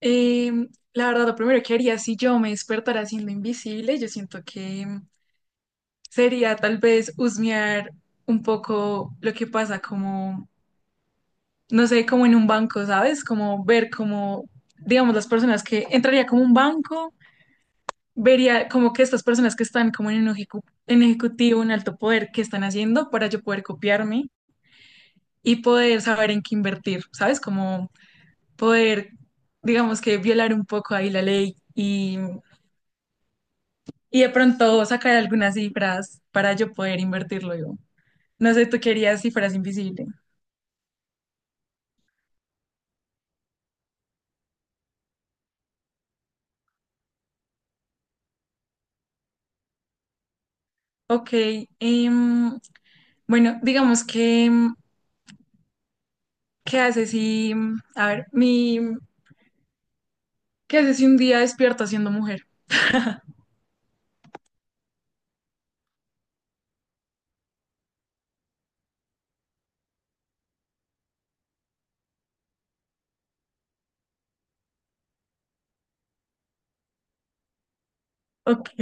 La verdad, lo primero que haría si yo me despertara siendo invisible, yo siento que sería tal vez husmear un poco lo que pasa, como, no sé, como en un banco, ¿sabes? Como ver, como, digamos, las personas que entraría como un banco, vería como que estas personas que están como en un en ejecutivo, en alto poder, qué están haciendo para yo poder copiarme y poder saber en qué invertir, ¿sabes? Como poder, digamos, que violar un poco ahí la ley y de pronto sacar algunas cifras para yo poder invertirlo yo. No sé, tú querías cifras invisibles. Ok, em, bueno, digamos que, ¿qué haces si, a ver, ¿qué haces si un día despierto siendo mujer? Ok,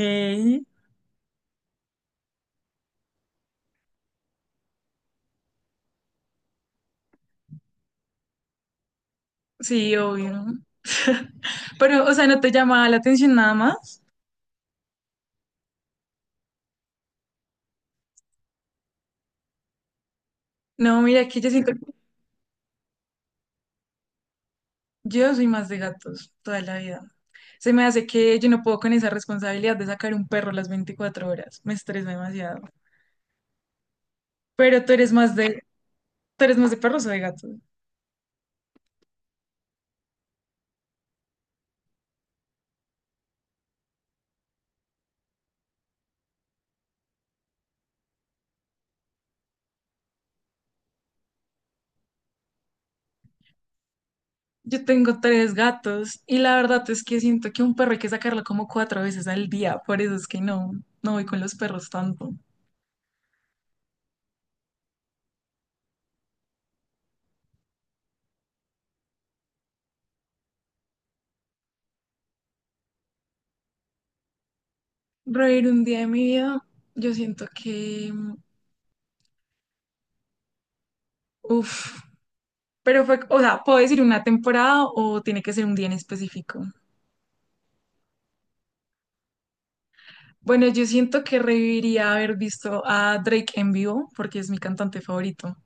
sí, obvio. Pero, o sea, ¿no te llama la atención nada más? No, mira, que yo siento, yo soy más de gatos toda la vida. Se me hace que yo no puedo con esa responsabilidad de sacar un perro las 24 horas. Me estresa demasiado. Pero tú eres más de, tú eres más de perros o de gatos. Yo tengo tres gatos y la verdad es que siento que un perro hay que sacarlo como cuatro veces al día. Por eso es que no, no voy con los perros tanto. Reír un día de mi vida, yo siento que, uff, pero fue, o sea, ¿puedo decir una temporada o tiene que ser un día en específico? Bueno, yo siento que reviviría haber visto a Drake en vivo porque es mi cantante favorito.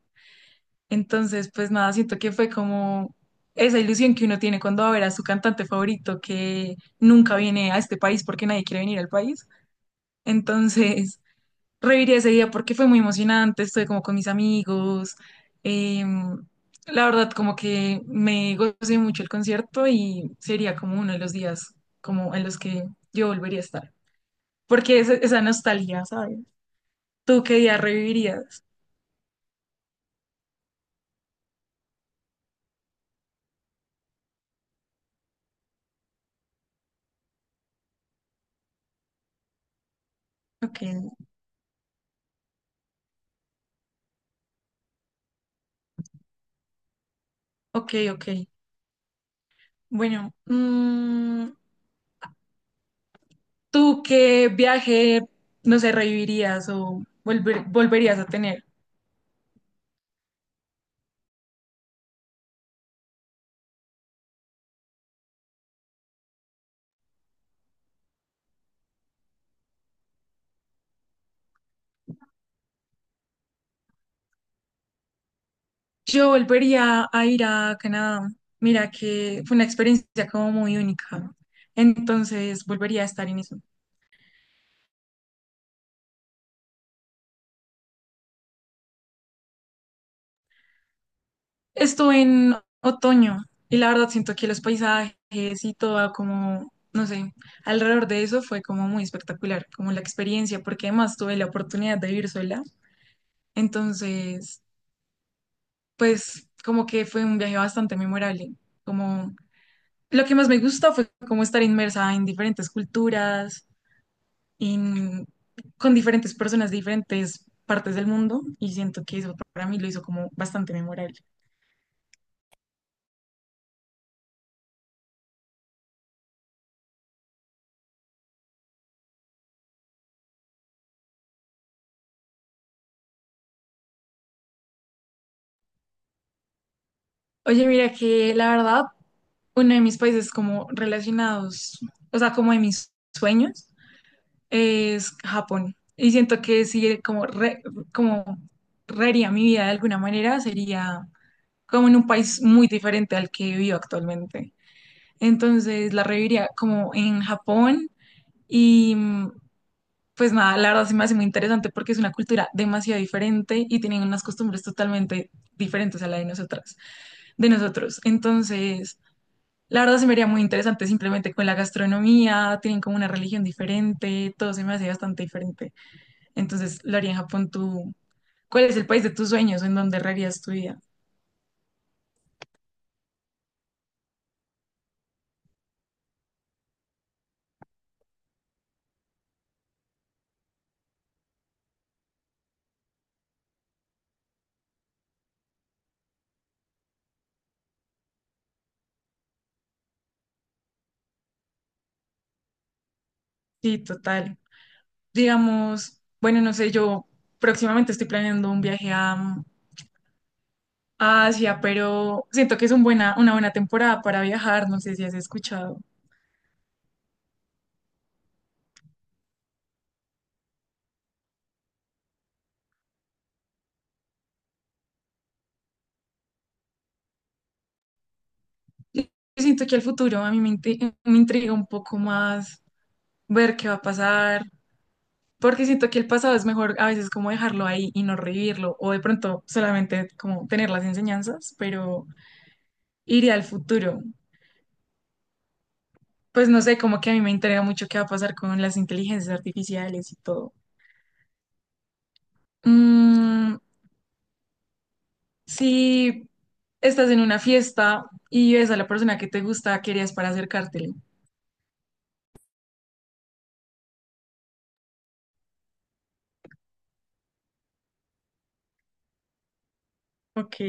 Entonces, pues nada, siento que fue como esa ilusión que uno tiene cuando va a ver a su cantante favorito que nunca viene a este país porque nadie quiere venir al país. Entonces, reviví ese día porque fue muy emocionante, estuve como con mis amigos. em, la verdad, como que me gocé mucho el concierto y sería como uno de los días como en los que yo volvería a estar. Porque es esa nostalgia, ¿sabes? ¿Tú qué día revivirías? Ok, ok, ok. Bueno, mm, ¿tú qué viaje, no sé, revivirías o volverías a tener? Yo volvería a ir a Canadá. Mira que fue una experiencia como muy única. Entonces volvería a estar en eso. Estuve en otoño y la verdad siento que los paisajes y todo como, no sé, alrededor de eso fue como muy espectacular, como la experiencia, porque además tuve la oportunidad de vivir sola. Entonces, pues como que fue un viaje bastante memorable, como lo que más me gustó fue como estar inmersa en diferentes culturas, en- con diferentes personas de diferentes partes del mundo, y siento que eso para mí lo hizo como bastante memorable. Oye, mira que la verdad, uno de mis países como relacionados, o sea, como de mis sueños, es Japón. Y siento que si como, como reharía mi vida de alguna manera, sería como en un país muy diferente al que vivo actualmente. Entonces la reviviría como en Japón y mm, pues nada, la verdad sí me hace muy interesante porque es una cultura demasiado diferente y tienen unas costumbres totalmente diferentes a la de nosotras, de nosotros. Entonces, la verdad se me haría muy interesante simplemente con la gastronomía, tienen como una religión diferente, todo se me hace bastante diferente. Entonces, lo haría en Japón tú. ¿Cuál es el país de tus sueños en donde rearías tu vida? Sí, total. Digamos, bueno, no sé, yo próximamente estoy planeando un viaje a, mm, a Asia, pero siento que es un buena, una buena temporada para viajar, no sé si has escuchado. Yo siento que al futuro a mí me, me intriga un poco más ver qué va a pasar, porque siento que el pasado es mejor a veces como dejarlo ahí y no revivirlo, o de pronto solamente como tener las enseñanzas, pero iría al futuro. Pues no sé, como que a mí me intriga mucho qué va a pasar con las inteligencias artificiales y todo. Mm, si estás en una fiesta y ves a la persona que te gusta, ¿qué harías para acercártele? Ok,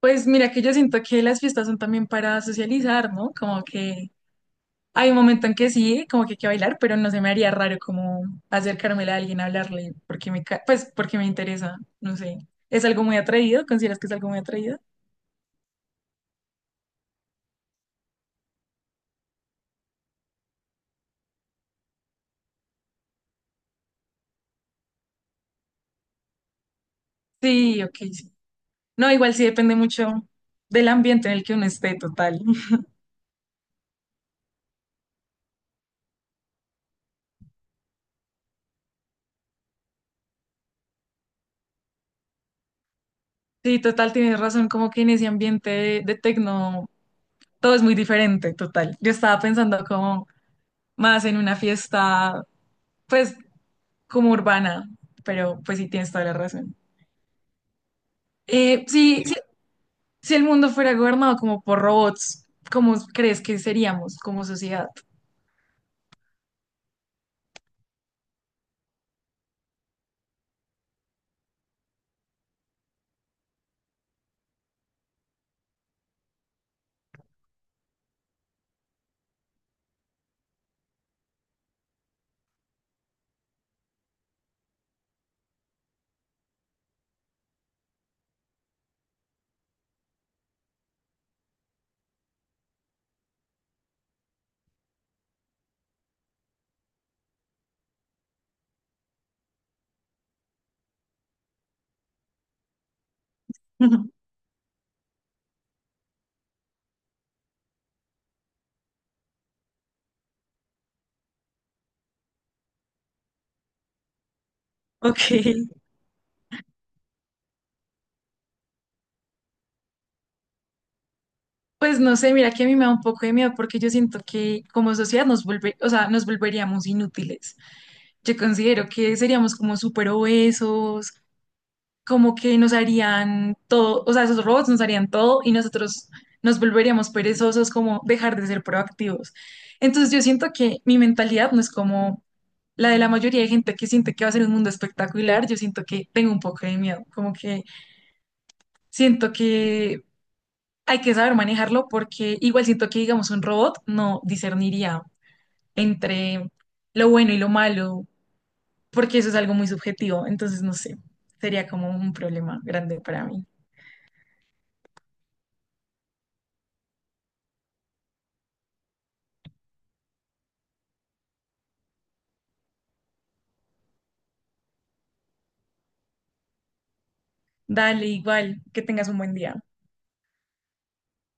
pues mira que yo siento que las fiestas son también para socializar, ¿no? Como que hay un momento en que sí, como que hay que bailar, pero no se me haría raro como acercármela a alguien, hablarle, porque me, pues porque me interesa, no sé. ¿Es algo muy atrevido? ¿Consideras que es algo muy atrevido? Sí, ok, sí. No, igual sí depende mucho del ambiente en el que uno esté, total. Sí, total, tienes razón, como que en ese ambiente de tecno todo es muy diferente, total. Yo estaba pensando como más en una fiesta, pues como urbana, pero pues sí tienes toda la razón. Sí, sí, si el mundo fuera gobernado como por robots, ¿cómo crees que seríamos como sociedad? Ok, pues no sé, mira que a mí me da un poco de miedo porque yo siento que como sociedad nos o sea, nos volveríamos inútiles. Yo considero que seríamos como súper obesos, como que nos harían todo, o sea, esos robots nos harían todo y nosotros nos volveríamos perezosos, como dejar de ser proactivos. Entonces yo siento que mi mentalidad no es como la de la mayoría de gente que siente que va a ser un mundo espectacular, yo siento que tengo un poco de miedo, como que siento que hay que saber manejarlo porque igual siento que, digamos, un robot no discerniría entre lo bueno y lo malo, porque eso es algo muy subjetivo, entonces no sé, sería como un problema grande para mí. Dale, igual, que tengas un buen día.